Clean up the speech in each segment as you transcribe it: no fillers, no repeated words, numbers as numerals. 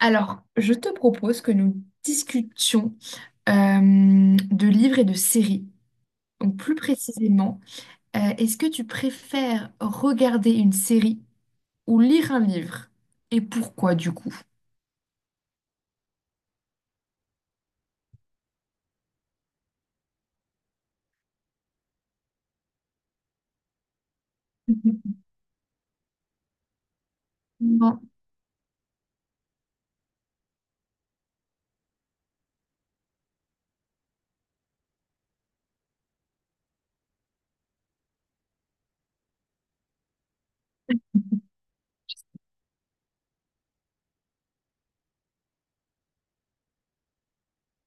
Alors, je te propose que nous discutions euh, de livres et de séries. Donc, plus précisément, est-ce que tu préfères regarder une série ou lire un livre? Et pourquoi du coup? Mhm. Non.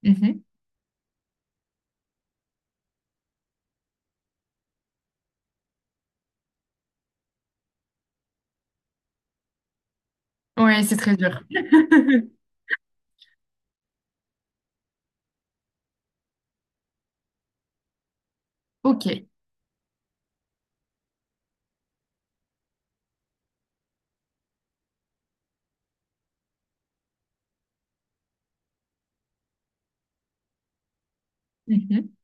Mhm. Ouais, c'est très dur. Ok. Mhm.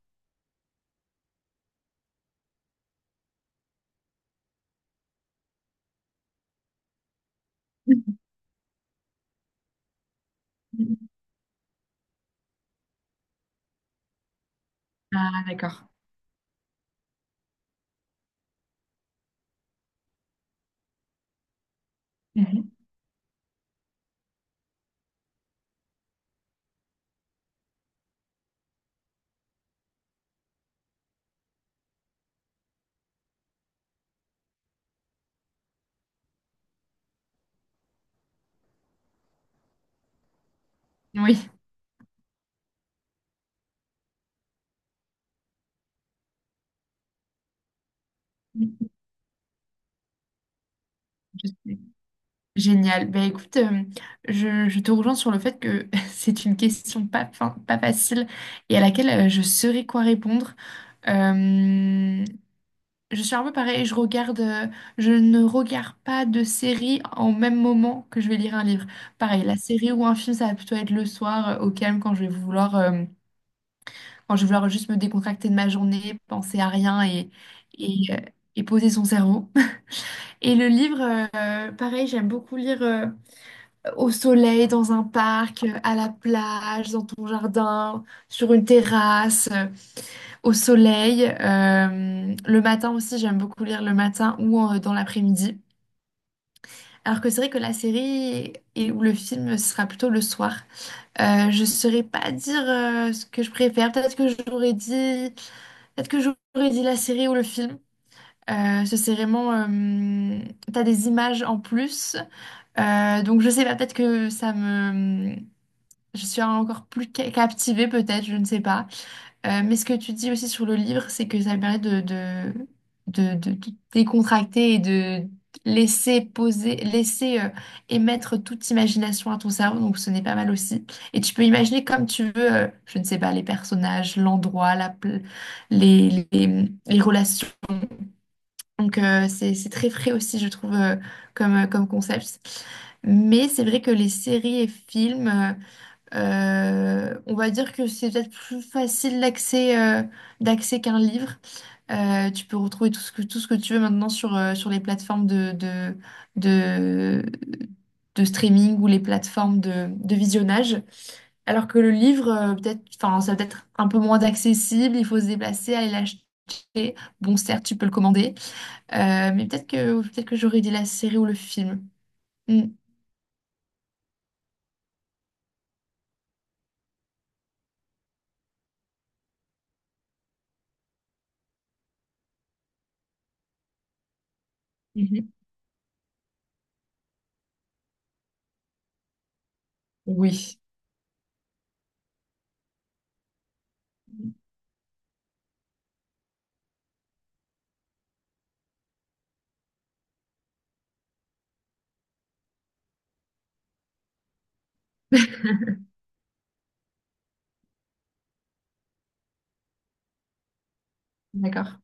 Ah, d'accord. Mhm. Oui. Je sais. Génial. Bah écoute, je te rejoins sur le fait que c'est une question pas, pas facile et à laquelle je saurais quoi répondre. Euh, je suis un peu pareil, je regarde, je ne regarde pas de série en même moment que je vais lire un livre. Pareil, la série ou un film, ça va plutôt être le soir, au calme, quand je vais vouloir juste me décontracter de ma journée, penser à rien et, euh, et poser son cerveau. Et le livre, pareil, j'aime beaucoup lire, au soleil, dans un parc, à la plage, dans ton jardin, sur une terrasse, au soleil. Le matin aussi, j'aime beaucoup lire le matin ou dans l'après-midi. Alors que c'est vrai que la série ou le film, ce sera plutôt le soir. Je ne saurais pas dire ce que je préfère. Peut-être que j'aurais dit la série ou le film. Euh, ce serait vraiment, euh, T'as des images en plus. Donc je sais pas, peut-être que ça me, je suis encore plus captivée peut-être, je ne sais pas. Mais ce que tu dis aussi sur le livre, c'est que ça permet de décontracter et de laisser poser, laisser émettre toute imagination à ton cerveau, donc ce n'est pas mal aussi. Et tu peux imaginer comme tu veux, je ne sais pas, les personnages, l'endroit, les relations. Donc c'est très frais aussi, je trouve, comme concept. Mais c'est vrai que les séries et films. On va dire que c'est peut-être plus facile d'accès qu'un livre. Tu peux retrouver tout ce que tu veux maintenant sur les plateformes de, de streaming ou les plateformes de visionnage. Alors que le livre, peut-être, enfin, ça peut être un peu moins accessible, il faut se déplacer, aller l'acheter. Bon, certes, tu peux le commander, mais peut-être que j'aurais dit la série ou le film. Mm. Mhm. Oui. D'accord.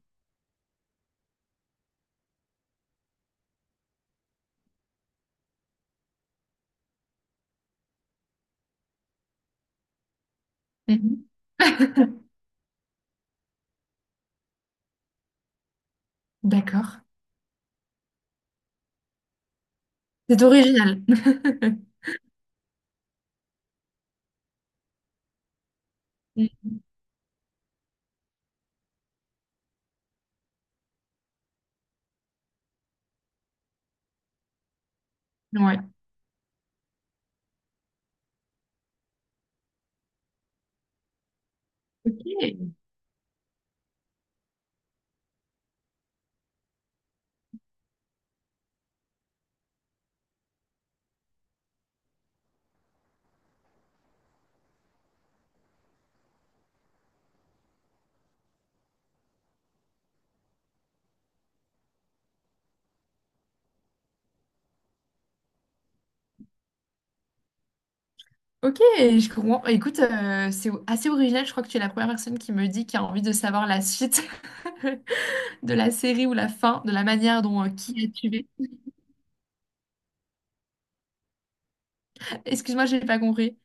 Mhm. D'accord. C'est original. Mhm. Ouais. Ok. Ok, je comprends. Écoute, c'est assez original. Je crois que tu es la première personne qui me dit qui a envie de savoir la suite de la série ou la fin, de la manière dont qui est tué. Excuse-moi, j'ai pas compris.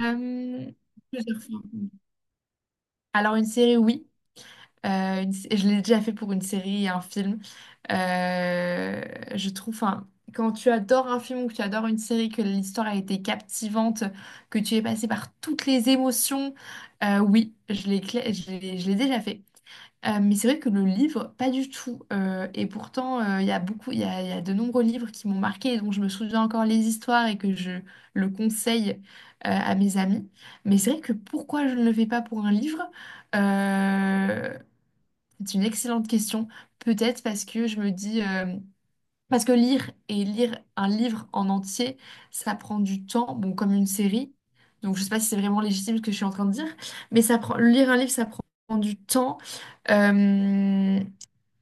Euh, plusieurs fois. Alors, une série, oui. Je l'ai déjà fait pour une série et un film. Euh, je trouve, enfin, quand tu adores un film ou que tu adores une série, que l'histoire a été captivante, que tu es passé par toutes les émotions, oui, je l'ai, cla- je l'ai déjà fait. Mais c'est vrai que le livre, pas du tout. Et pourtant, il y a de nombreux livres qui m'ont marqué et dont je me souviens encore les histoires et que je le conseille à mes amis. Mais c'est vrai que pourquoi je ne le fais pas pour un livre? Euh, c'est une excellente question. Peut-être parce que je me dis, parce que lire et lire un livre en entier, ça prend du temps, bon, comme une série. Donc, je sais pas si c'est vraiment légitime ce que je suis en train de dire, mais ça prend, lire un livre, ça prend du temps euh,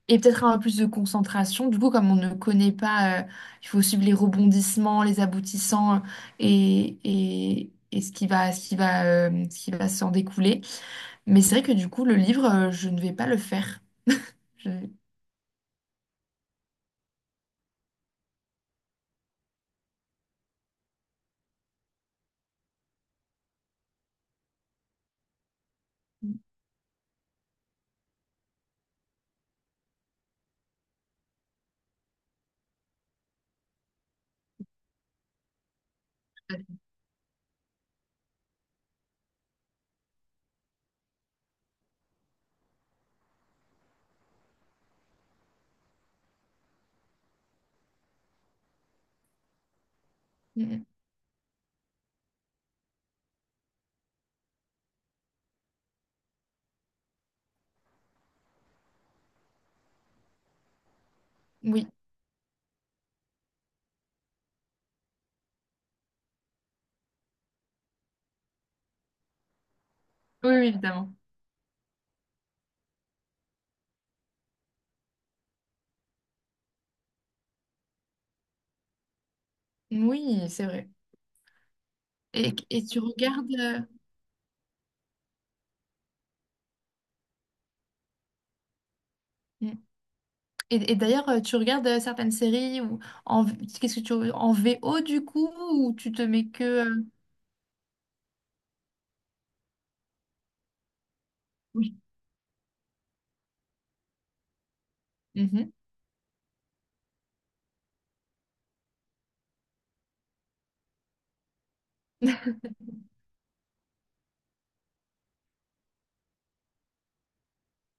et peut-être un peu plus de concentration. Du coup, comme on ne connaît pas, il faut suivre les rebondissements, les aboutissants, et ce qui va s'en découler. Mais c'est vrai que du coup, le livre, je ne vais pas le faire. Mm. Mm. Oui, oui, oui, évidemment. Oui, c'est vrai. Et tu regardes. Mm. Et d'ailleurs, tu regardes certaines séries ou en qu'est-ce que tu en VO du coup ou tu te mets que. Oui. Mhm.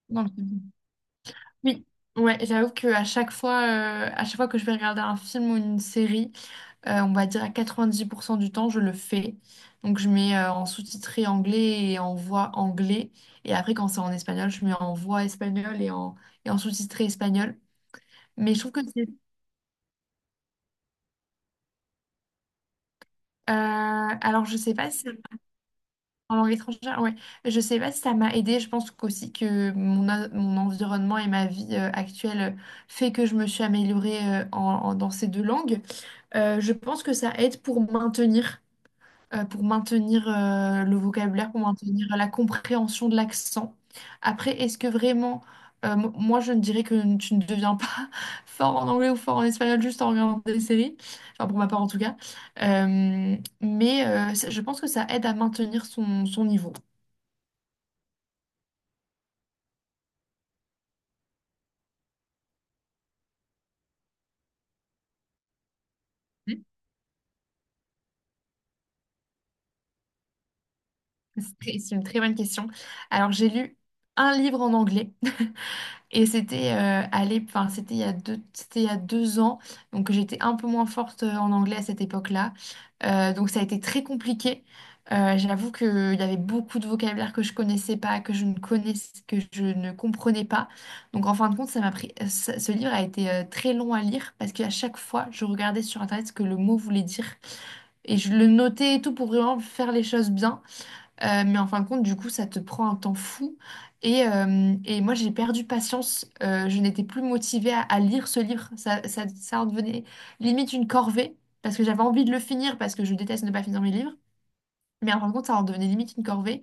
Non, mais c'est bien. Oui, ouais, j'avoue que à chaque fois que je vais regarder un film ou une série, on va dire à 90% du temps, je le fais. Donc, je mets en sous-titré anglais et en voix anglais. Et après, quand c'est en espagnol, je mets en voix espagnole et en sous-titré espagnol. Mais je trouve alors, je sais pas si. En langue étrangère, ouais. Je sais pas si ça m'a aidé. Je pense qu'aussi que mon environnement et ma vie actuelle fait que je me suis améliorée, dans ces deux langues. Je pense que ça aide pour maintenir le vocabulaire, pour maintenir la compréhension de l'accent. Après, est-ce que vraiment, moi je ne dirais que tu ne deviens pas fort en anglais ou fort en espagnol juste en regardant des séries, enfin pour ma part en tout cas. Je pense que ça aide à maintenir son niveau. Hmm. C'est une très bonne question. Alors j'ai lu un livre en anglais. Et c'était enfin, c'était il y a 2 ans, donc j'étais un peu moins forte en anglais à cette époque-là. Donc ça a été très compliqué. J'avoue qu'il y avait beaucoup de vocabulaire que je connaissais pas, que je ne connaissais, que je ne comprenais pas. Donc en fin de compte, ça m'a pris, ça- ce livre a été très long à lire parce qu'à chaque fois, je regardais sur Internet ce que le mot voulait dire et je le notais et tout pour vraiment faire les choses bien. Mais en fin de compte, du coup, ça te prend un temps fou. Et moi, j'ai perdu patience. Je n'étais plus motivée à lire ce livre. Ça en devenait limite une corvée, parce que j'avais envie de le finir, parce que je déteste ne pas finir mes livres. Mais en fin de compte, ça en devenait limite une corvée.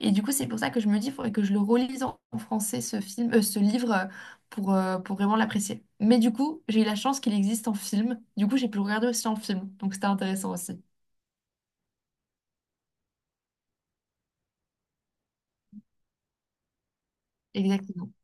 Et du coup, c'est pour ça que je me dis, il faudrait que je le relise en français, ce livre, pour vraiment l'apprécier. Mais du coup, j'ai eu la chance qu'il existe en film. Du coup, j'ai pu le regarder aussi en film. Donc, c'était intéressant aussi. Exactement.